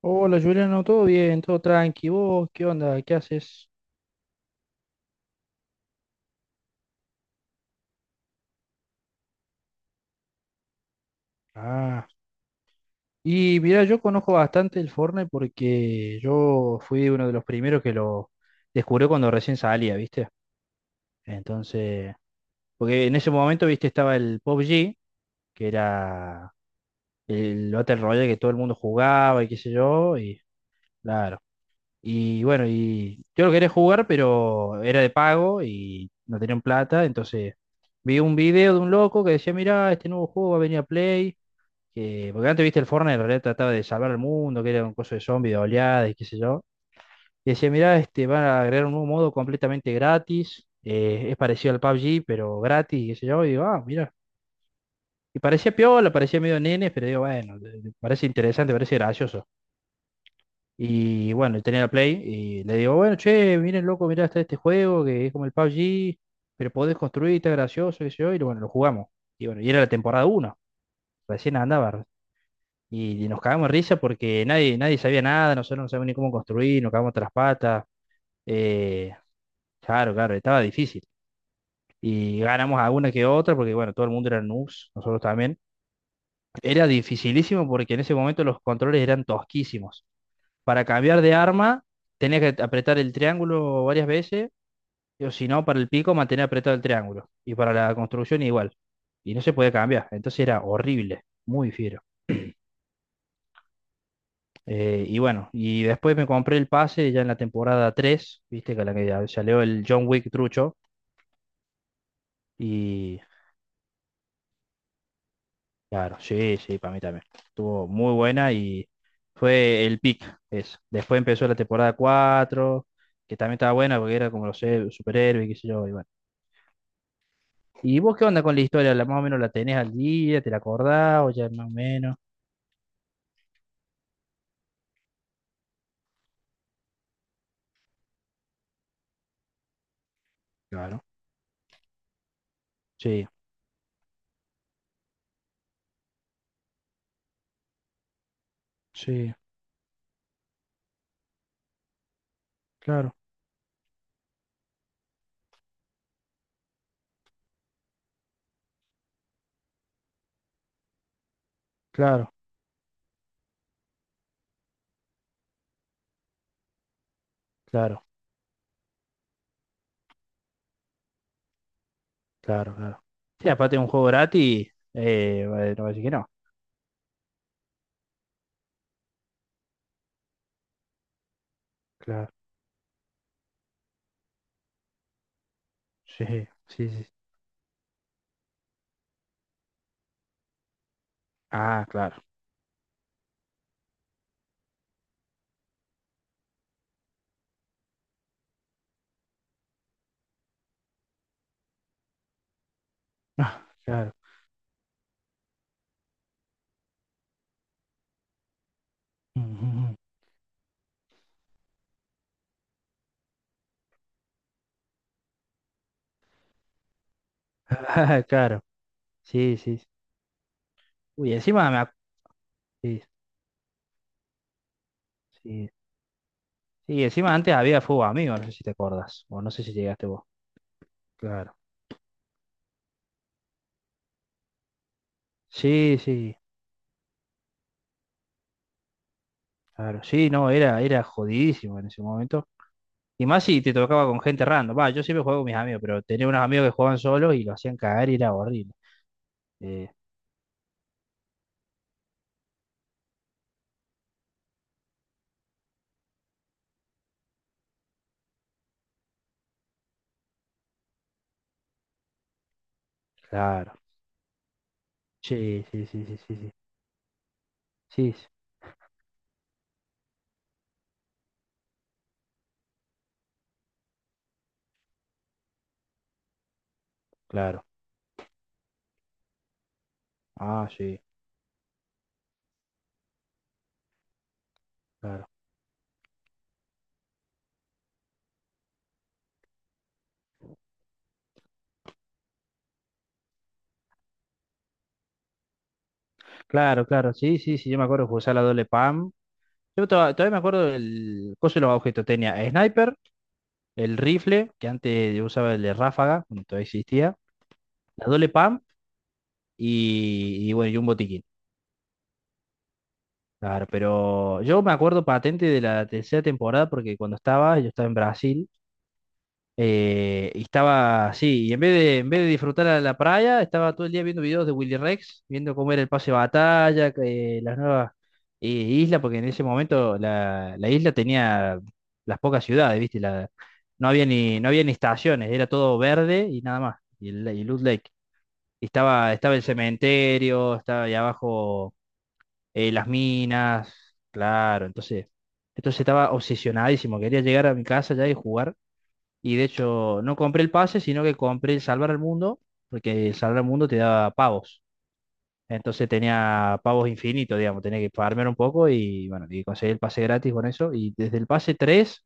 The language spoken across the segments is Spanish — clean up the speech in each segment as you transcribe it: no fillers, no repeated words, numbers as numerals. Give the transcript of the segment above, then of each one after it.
Hola Juliano, ¿no? Todo bien, todo tranqui. ¿Vos qué onda? ¿Qué haces? Ah, y mira, yo conozco bastante el Fortnite porque yo fui uno de los primeros que lo descubrió cuando recién salía, ¿viste? Entonces, porque en ese momento, ¿viste? Estaba el PUBG que era el Battle Royale que todo el mundo jugaba y qué sé yo, y claro. Y bueno, y yo lo quería jugar, pero era de pago y no tenían plata, entonces vi un video de un loco que decía, mira, este nuevo juego va a venir a Play, que, porque antes viste el Fortnite, en realidad trataba de salvar al mundo, que era un coso de zombies, de oleadas y qué sé yo. Y decía, mira, este, van a agregar un nuevo modo completamente gratis, es parecido al PUBG, pero gratis, y qué sé yo, y digo, ah, mira. Y parecía piola, parecía medio nene, pero digo, bueno, parece interesante, parece gracioso. Y bueno, tenía la Play y le digo, bueno, che, miren loco, mirá, está este juego que es como el PUBG, pero podés construir, está gracioso, qué sé yo, y bueno, lo jugamos. Y bueno, y era la temporada uno, recién andaba. Y nos cagamos de risa porque nadie, nadie sabía nada, nosotros no sabíamos ni cómo construir, nos cagamos tras las patas. eh, claro, claro, estaba difícil. Y ganamos alguna que otra porque, bueno, todo el mundo era noobs, nosotros también. Era dificilísimo porque en ese momento los controles eran tosquísimos. Para cambiar de arma, tenía que apretar el triángulo varias veces, o si no, para el pico, mantener apretado el triángulo. Y para la construcción, igual. Y no se podía cambiar. Entonces era horrible, muy fiero. Y bueno, y después me compré el pase ya en la temporada 3, viste, que la que ya salió el John Wick trucho. Y claro, sí, sí, para mí también. Estuvo muy buena y fue el pick, eso. Después empezó la temporada 4 que también estaba buena porque era como los superhéroes, qué sé yo, y bueno. ¿Y vos qué onda con la historia? ¿La, más o menos la tenés al día? ¿Te la acordás o ya más o menos? Claro. Sí, sí, claro, claro, claro, claro, claro. Sí, aparte de un juego gratis, no va a decir que no. Claro, sí, sí, sí. Ah, claro. Ah, claro. Ujú. Ah, claro, sí, sí. Uy, encima me. Sí, sí. Sí, encima antes había fútbol amigo, no sé si te acordás, o no sé si llegaste vos. Claro. Sí, sí, claro. Sí, no, era jodidísimo en ese momento. Y más si te tocaba con gente random. Va, yo siempre juego con mis amigos, pero tenía unos amigos que jugaban solos y lo hacían cagar y era horrible. Eh, claro. Sí, sí, sí, sí, sí, sí. Sí, sí, claro. Ah, sí, claro. Claro, claro. Sí, sí, sí. Yo me acuerdo que usaba la doble PAM. Yo todavía me acuerdo del coso de los objetos. Tenía el sniper, el rifle, que antes yo usaba el de ráfaga, cuando todavía existía, la doble PAM y bueno, y un botiquín. Claro, pero yo me acuerdo patente de la tercera temporada porque cuando yo estaba en Brasil. Y estaba así, y en vez de disfrutar a la playa, estaba todo el día viendo videos de Willy Rex, viendo cómo era el pase de batalla, que, las nuevas islas, porque en ese momento la isla tenía las pocas ciudades, ¿viste? La, no había ni, no había ni estaciones, era todo verde y nada más, y, el, y Loot Lake. Y estaba el cementerio, estaba ahí abajo las minas, claro, entonces, estaba obsesionadísimo, quería llegar a mi casa ya y jugar. Y de hecho, no compré el pase, sino que compré el Salvar al Mundo, porque el Salvar al Mundo te daba pavos. Entonces tenía pavos infinitos, digamos, tenía que farmear un poco y bueno, y conseguí el pase gratis con eso. Y desde el pase 3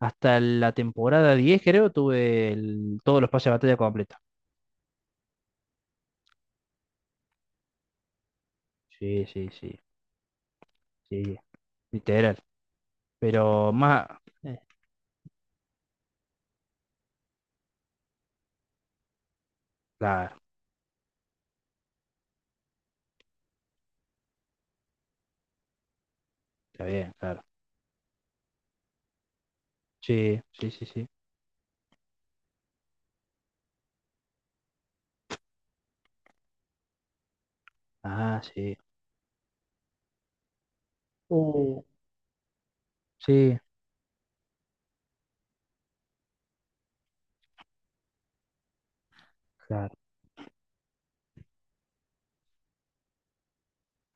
hasta la temporada 10 creo, tuve todos los pases de batalla completos. Sí, sí, sí, sí, literal. Pero más... eh, claro, está bien, claro. Sí, sí, sí, sí. Ah, sí. Uh. Sí, claro,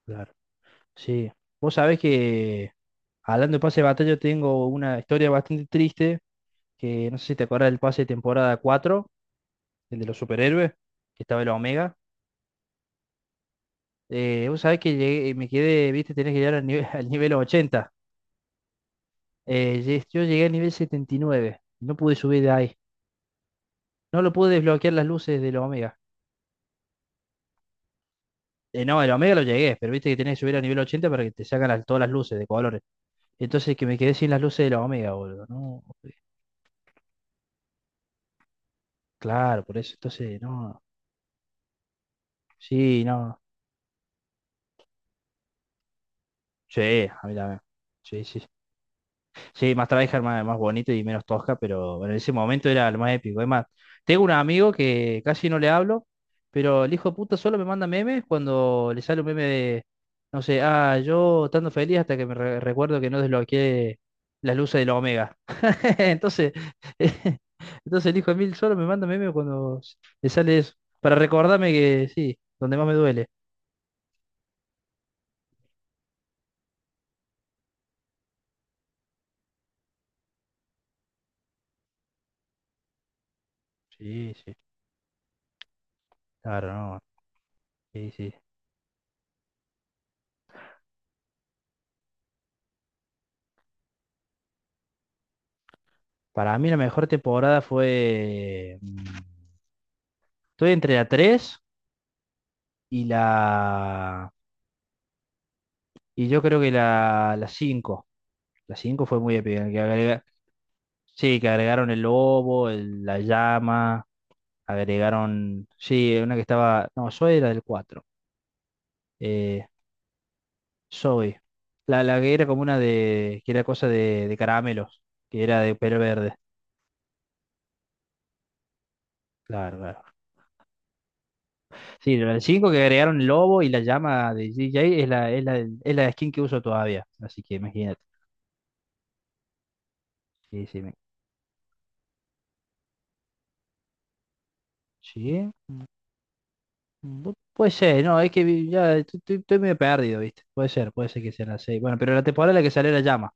claro. Sí. Vos sabés que hablando de pase de batalla, tengo una historia bastante triste, que no sé si te acuerdas del pase de temporada 4, el de los superhéroes, que estaba el Omega. Vos sabés que llegué, me quedé, viste, tenés que llegar al nivel, al nivel 80. Yo llegué al nivel 79, no pude subir de ahí. No lo pude desbloquear las luces del Omega. No, el Omega lo llegué, pero viste que tenés que subir al nivel 80 para que te sacan todas las luces de colores. Entonces que me quedé sin las luces de la Omega, boludo. No, claro, por eso. Entonces, no. Sí, no. Sí, a mí también. Sí, sí. Sí, más tryhard, más bonito y menos tosca, pero bueno, en ese momento era lo más épico. Es más, tengo un amigo que casi no le hablo, pero el hijo de puta solo me manda memes cuando le sale un meme de, no sé, ah, yo estando feliz hasta que me recuerdo que no desbloqueé las luces del Omega. Entonces, entonces el hijo de Mil solo me manda memes cuando le sale eso, para recordarme que sí, donde más me duele. Sí, sí, claro, no. Sí, sí. Para mí la mejor temporada fue. Estoy entre la 3 y la. Y yo creo que la cinco. La 5 fue muy épica. Sí, que agregaron el lobo, la llama. Agregaron. Sí, una que estaba. No, Zoe era del 4 Eh, Zoe. La que era como una de. Que era cosa de caramelos. Que era de pelo verde. Claro, claro. Sí, la 5 que agregaron el lobo y la llama de DJ es la skin que uso todavía. Así que imagínate. Sí, sí, sí. Puede ser, no, es que ya estoy medio perdido, ¿viste? Puede ser que sea la seis. Bueno, pero la temporada en la que sale la llama.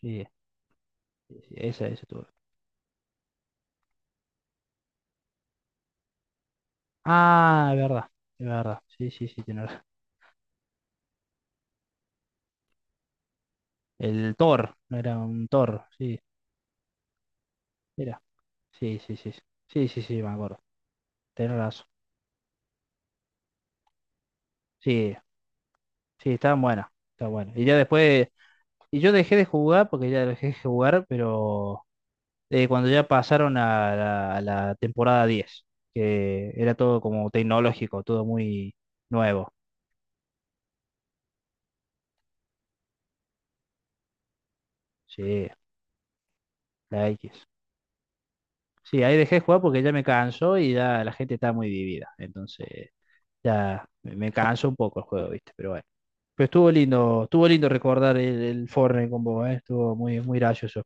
Sí, sí, sí, esa tuve. Ah, es verdad, es verdad. Sí, sí, sí, tiene razón. El Thor, no era un Thor, sí, era. Sí, sí, sí. Sí, sí, sí, sí, me acuerdo. Tenés razón. Sí, sí, estaban buenas, está bueno. Y ya después. Y yo dejé de jugar porque ya dejé de jugar, pero cuando ya pasaron a la, temporada 10 que era todo como tecnológico, todo muy nuevo. Sí, la X. Sí, ahí dejé de jugar porque ya me cansó y ya la gente estaba muy vivida. Entonces ya me cansó un poco el juego, ¿viste? Pero bueno. Pero estuvo lindo recordar el Fortnite con vos, ¿eh? Estuvo muy, muy gracioso.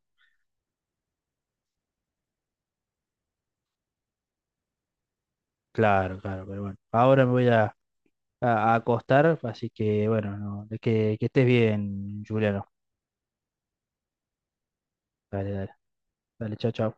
Claro, claro, pero bueno. Ahora me voy a acostar, así que bueno, no, que estés bien, Juliano. Dale, dale. Dale, chao, chao.